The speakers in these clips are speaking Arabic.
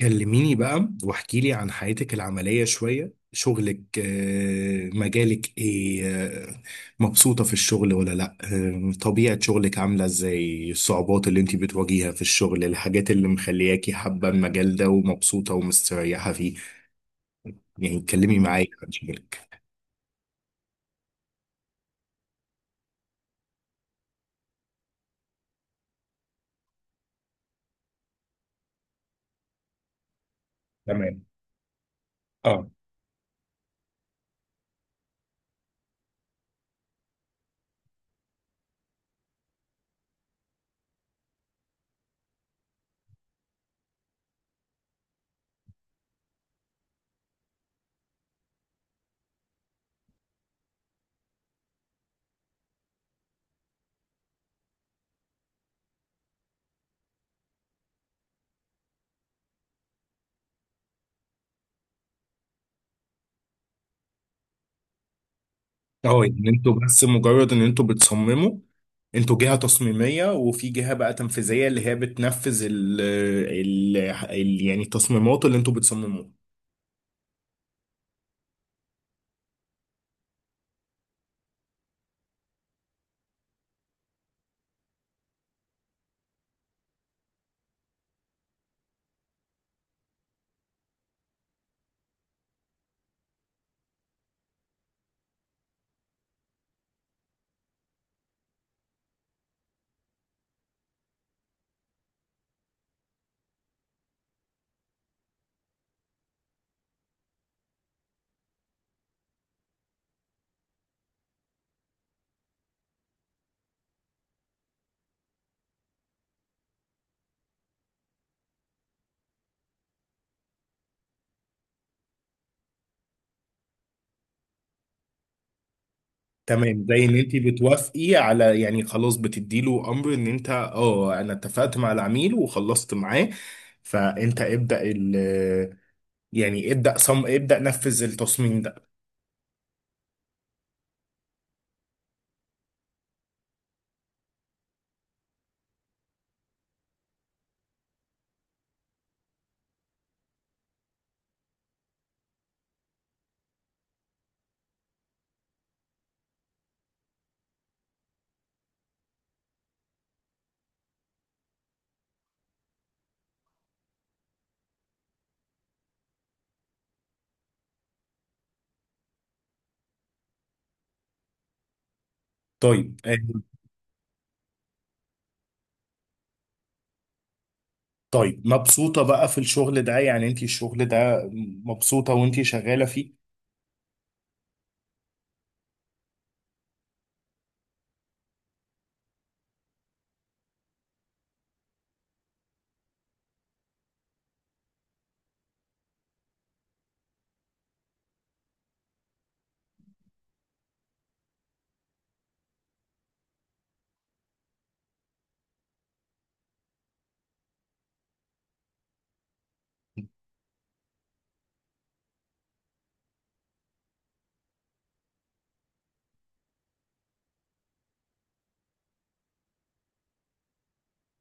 كلميني بقى واحكي لي عن حياتك العملية شوية. شغلك، مجالك ايه؟ مبسوطة في الشغل ولا لا؟ طبيعة شغلك عاملة ازاي؟ الصعوبات اللي انت بتواجهيها في الشغل، الحاجات اللي مخلياكي حابة المجال ده ومبسوطة ومستريحة فيه، يعني اتكلمي معايا عن شغلك. تمام. اه. اه يعني انتوا بس مجرد ان انتوا بتصمموا، انتوا جهة تصميمية وفي جهة بقى تنفيذية اللي هي بتنفذ يعني التصميمات اللي انتوا بتصمموها. تمام، زي ان انت بتوافقي على، يعني، خلاص بتدي له امر ان انت انا اتفقت مع العميل وخلصت معاه. فانت ابدأ يعني ابدأ ابدأ نفذ التصميم ده. طيب. طيب، مبسوطة بقى في الشغل ده؟ يعني انت الشغل ده مبسوطة وانت شغالة فيه؟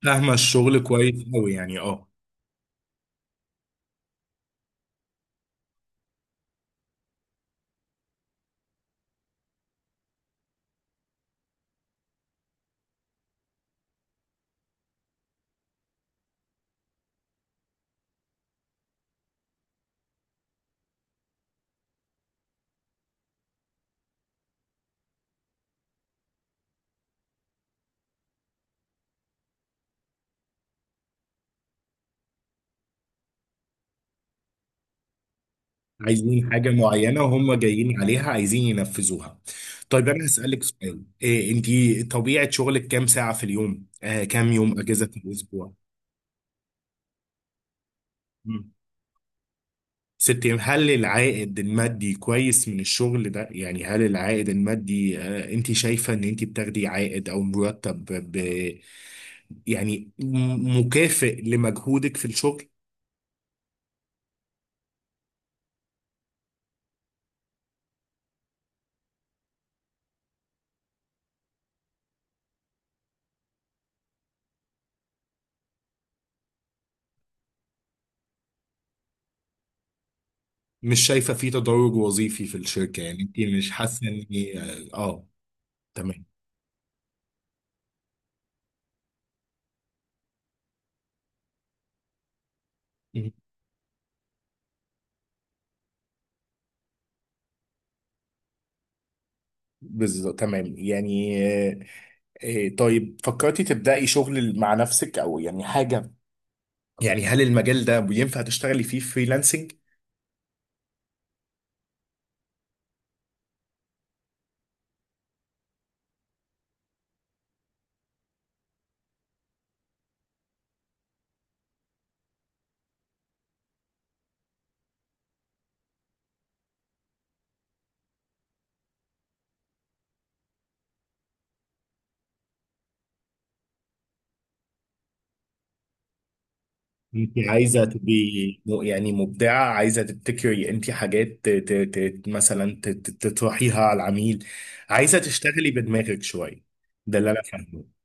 فاهمة الشغل كويس أوي يعني. اه. عايزين حاجة معينة وهم جايين عليها عايزين ينفذوها. طيب، أنا هسألك سؤال. إيه أنتي طبيعة شغلك؟ كام ساعة في اليوم؟ كام يوم أجازة في الأسبوع؟ مم. ست أيام. هل العائد المادي كويس من الشغل ده؟ يعني هل العائد المادي، أنتي شايفة إن أنتي بتاخدي عائد أو مرتب ب- يعني مكافئ لمجهودك في الشغل؟ مش شايفة فيه تدرج وظيفي في الشركة؟ يعني أنتي مش حاسة إن... آه، آه. تمام. مم. بالظبط، تمام، يعني. طيب، فكرتي تبدأي شغل مع نفسك او يعني حاجة؟ يعني هل المجال ده ينفع تشتغلي فيه فريلانسنج؟ انت عايزة تبقي، يعني، مبدعة، عايزة تبتكري انت حاجات مثلا تطرحيها على العميل. عايزة تشتغلي بدماغك شوية. ده اللي انا فاهمه.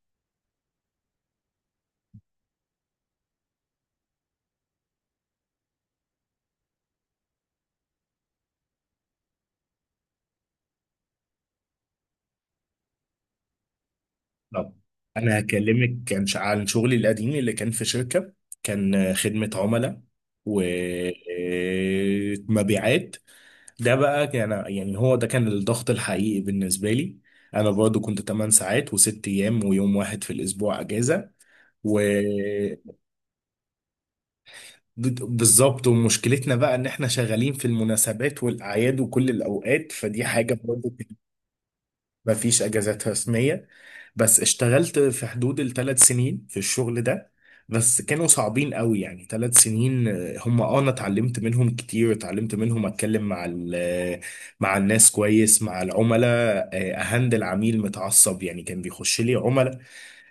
طب انا هكلمك كان عن شغلي القديم اللي كان في شركة. كان، خدمة عملاء ومبيعات. ده بقى كان، يعني، هو ده كان الضغط الحقيقي بالنسبة لي. أنا برضو كنت 8 ساعات وست أيام، ويوم واحد في الأسبوع أجازة. و... بالظبط، ومشكلتنا بقى إن إحنا شغالين في المناسبات والأعياد وكل الأوقات، فدي حاجة برضو. ما فيش اجازات رسميه. بس اشتغلت في حدود ال3 سنين في الشغل ده. بس كانوا صعبين قوي، يعني 3 سنين. هم، انا اتعلمت منهم كتير، اتعلمت منهم اتكلم مع مع الناس كويس، مع العملاء. اهندل عميل متعصب، يعني كان بيخش لي عملاء.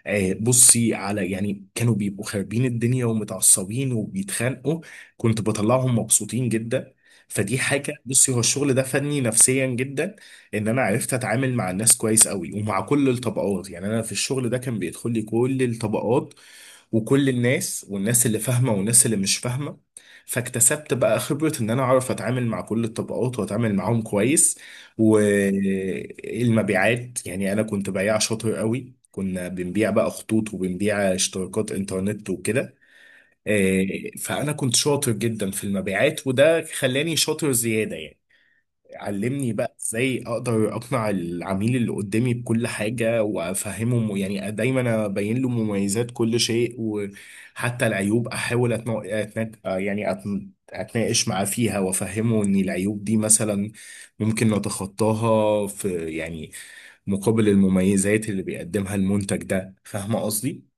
بصي، على يعني كانوا بيبقوا خاربين الدنيا ومتعصبين وبيتخانقوا، كنت بطلعهم مبسوطين جدا. فدي حاجة. بصي، هو الشغل ده فادني نفسيا جدا، ان انا عرفت اتعامل مع الناس كويس قوي ومع كل الطبقات. يعني انا في الشغل ده كان بيدخل لي كل الطبقات وكل الناس، والناس اللي فاهمة والناس اللي مش فاهمة. فاكتسبت بقى خبرة ان انا اعرف اتعامل مع كل الطبقات واتعامل معاهم كويس. والمبيعات، يعني انا كنت بياع شاطر قوي، كنا بنبيع بقى خطوط وبنبيع اشتراكات انترنت وكده. آه، فانا كنت شاطر جدا في المبيعات، وده خلاني شاطر زيادة يعني. علمني بقى ازاي اقدر اقنع العميل اللي قدامي بكل حاجة وافهمه، يعني دايما ابين له مميزات كل شيء، وحتى العيوب احاول اتناقش معاه فيها، وافهمه ان العيوب دي مثلا ممكن نتخطاها في، يعني، مقابل المميزات اللي بيقدمها المنتج ده. فاهمة قصدي؟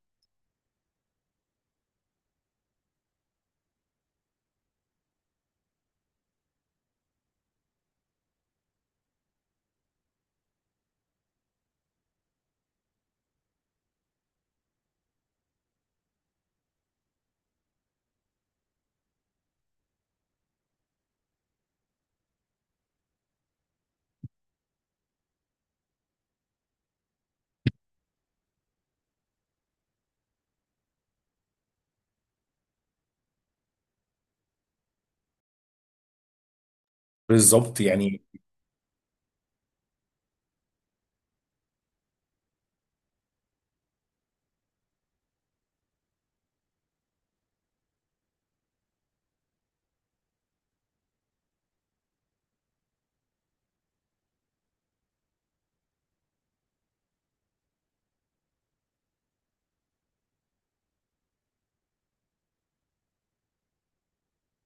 بالظبط، يعني.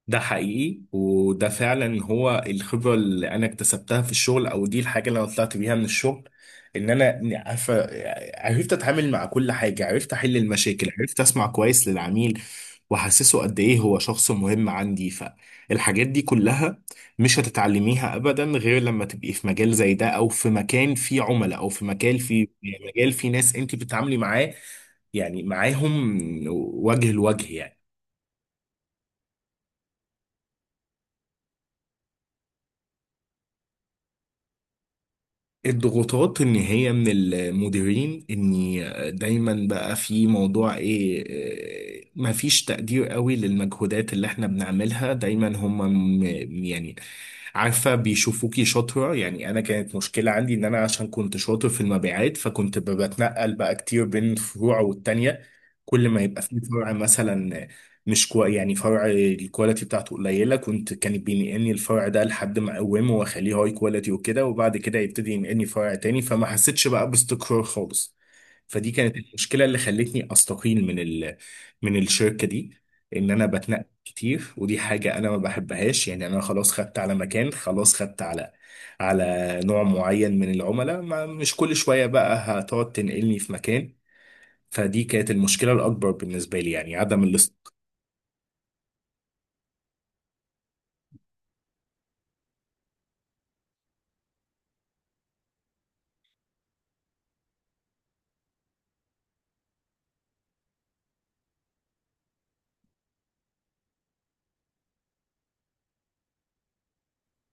ده حقيقي، وده فعلا هو الخبرة اللي أنا اكتسبتها في الشغل، أو دي الحاجة اللي أنا طلعت بيها من الشغل. إن أنا عارفة، عرفت أتعامل مع كل حاجة، عرفت أحل المشاكل، عرفت أسمع كويس للعميل وأحسسه قد إيه هو شخص مهم عندي. فالحاجات دي كلها مش هتتعلميها أبدا غير لما تبقي في مجال زي ده، أو في مكان فيه عملاء، أو في مكان فيه مجال فيه ناس أنت بتتعاملي معاه، يعني معاهم، وجه لوجه يعني. الضغوطات ان هي من المديرين، اني دايما بقى في موضوع ايه، ما فيش تقدير قوي للمجهودات اللي احنا بنعملها دايما. هم، م- يعني، عارفة، بيشوفوكي شاطرة. يعني انا كانت مشكلة عندي ان انا عشان كنت شاطر في المبيعات، فكنت بتنقل بقى كتير بين فروع والتانية. كل ما يبقى في فرع مثلا مش كو يعني فرع الكواليتي بتاعته قليله، كان بينقلني الفرع ده لحد ما اقومه واخليه هاي كواليتي وكده، وبعد كده يبتدي ينقلني فرع تاني. فما حسيتش بقى باستقرار خالص. فدي كانت المشكله اللي خلتني استقيل من الشركه دي، ان انا بتنقل كتير ودي حاجه انا ما بحبهاش. يعني انا خلاص خدت على مكان، خلاص خدت على نوع معين من العملاء، ما مش كل شويه بقى هتقعد تنقلني في مكان. فدي كانت المشكله الاكبر بالنسبه لي، يعني عدم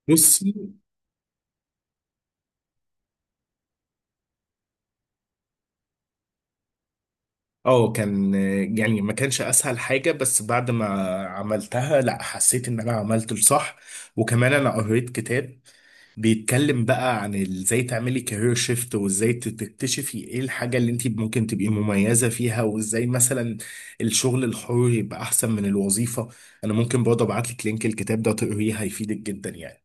الاستقرار. اه، كان، يعني، ما كانش اسهل حاجة، بس بعد ما عملتها، لا، حسيت ان انا عملت الصح. وكمان انا قريت كتاب بيتكلم بقى عن ازاي تعملي كارير شيفت، وازاي تكتشفي ايه الحاجة اللي انت ممكن تبقي مميزة فيها، وازاي مثلا الشغل الحر يبقى احسن من الوظيفة. انا ممكن برضه ابعت لك لينك الكتاب ده، تقريه هيفيدك جدا يعني.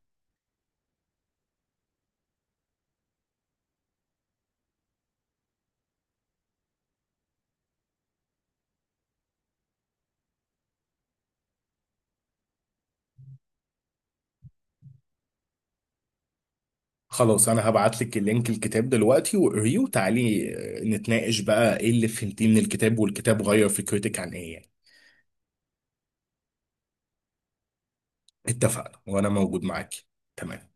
خلاص، انا هبعت لك لينك الكتاب دلوقتي وقريه، وتعالي نتناقش بقى ايه اللي فهمتيه من الكتاب، والكتاب غير فكرتك عن ايه يعني. اتفقنا، وانا موجود معاك. تمام.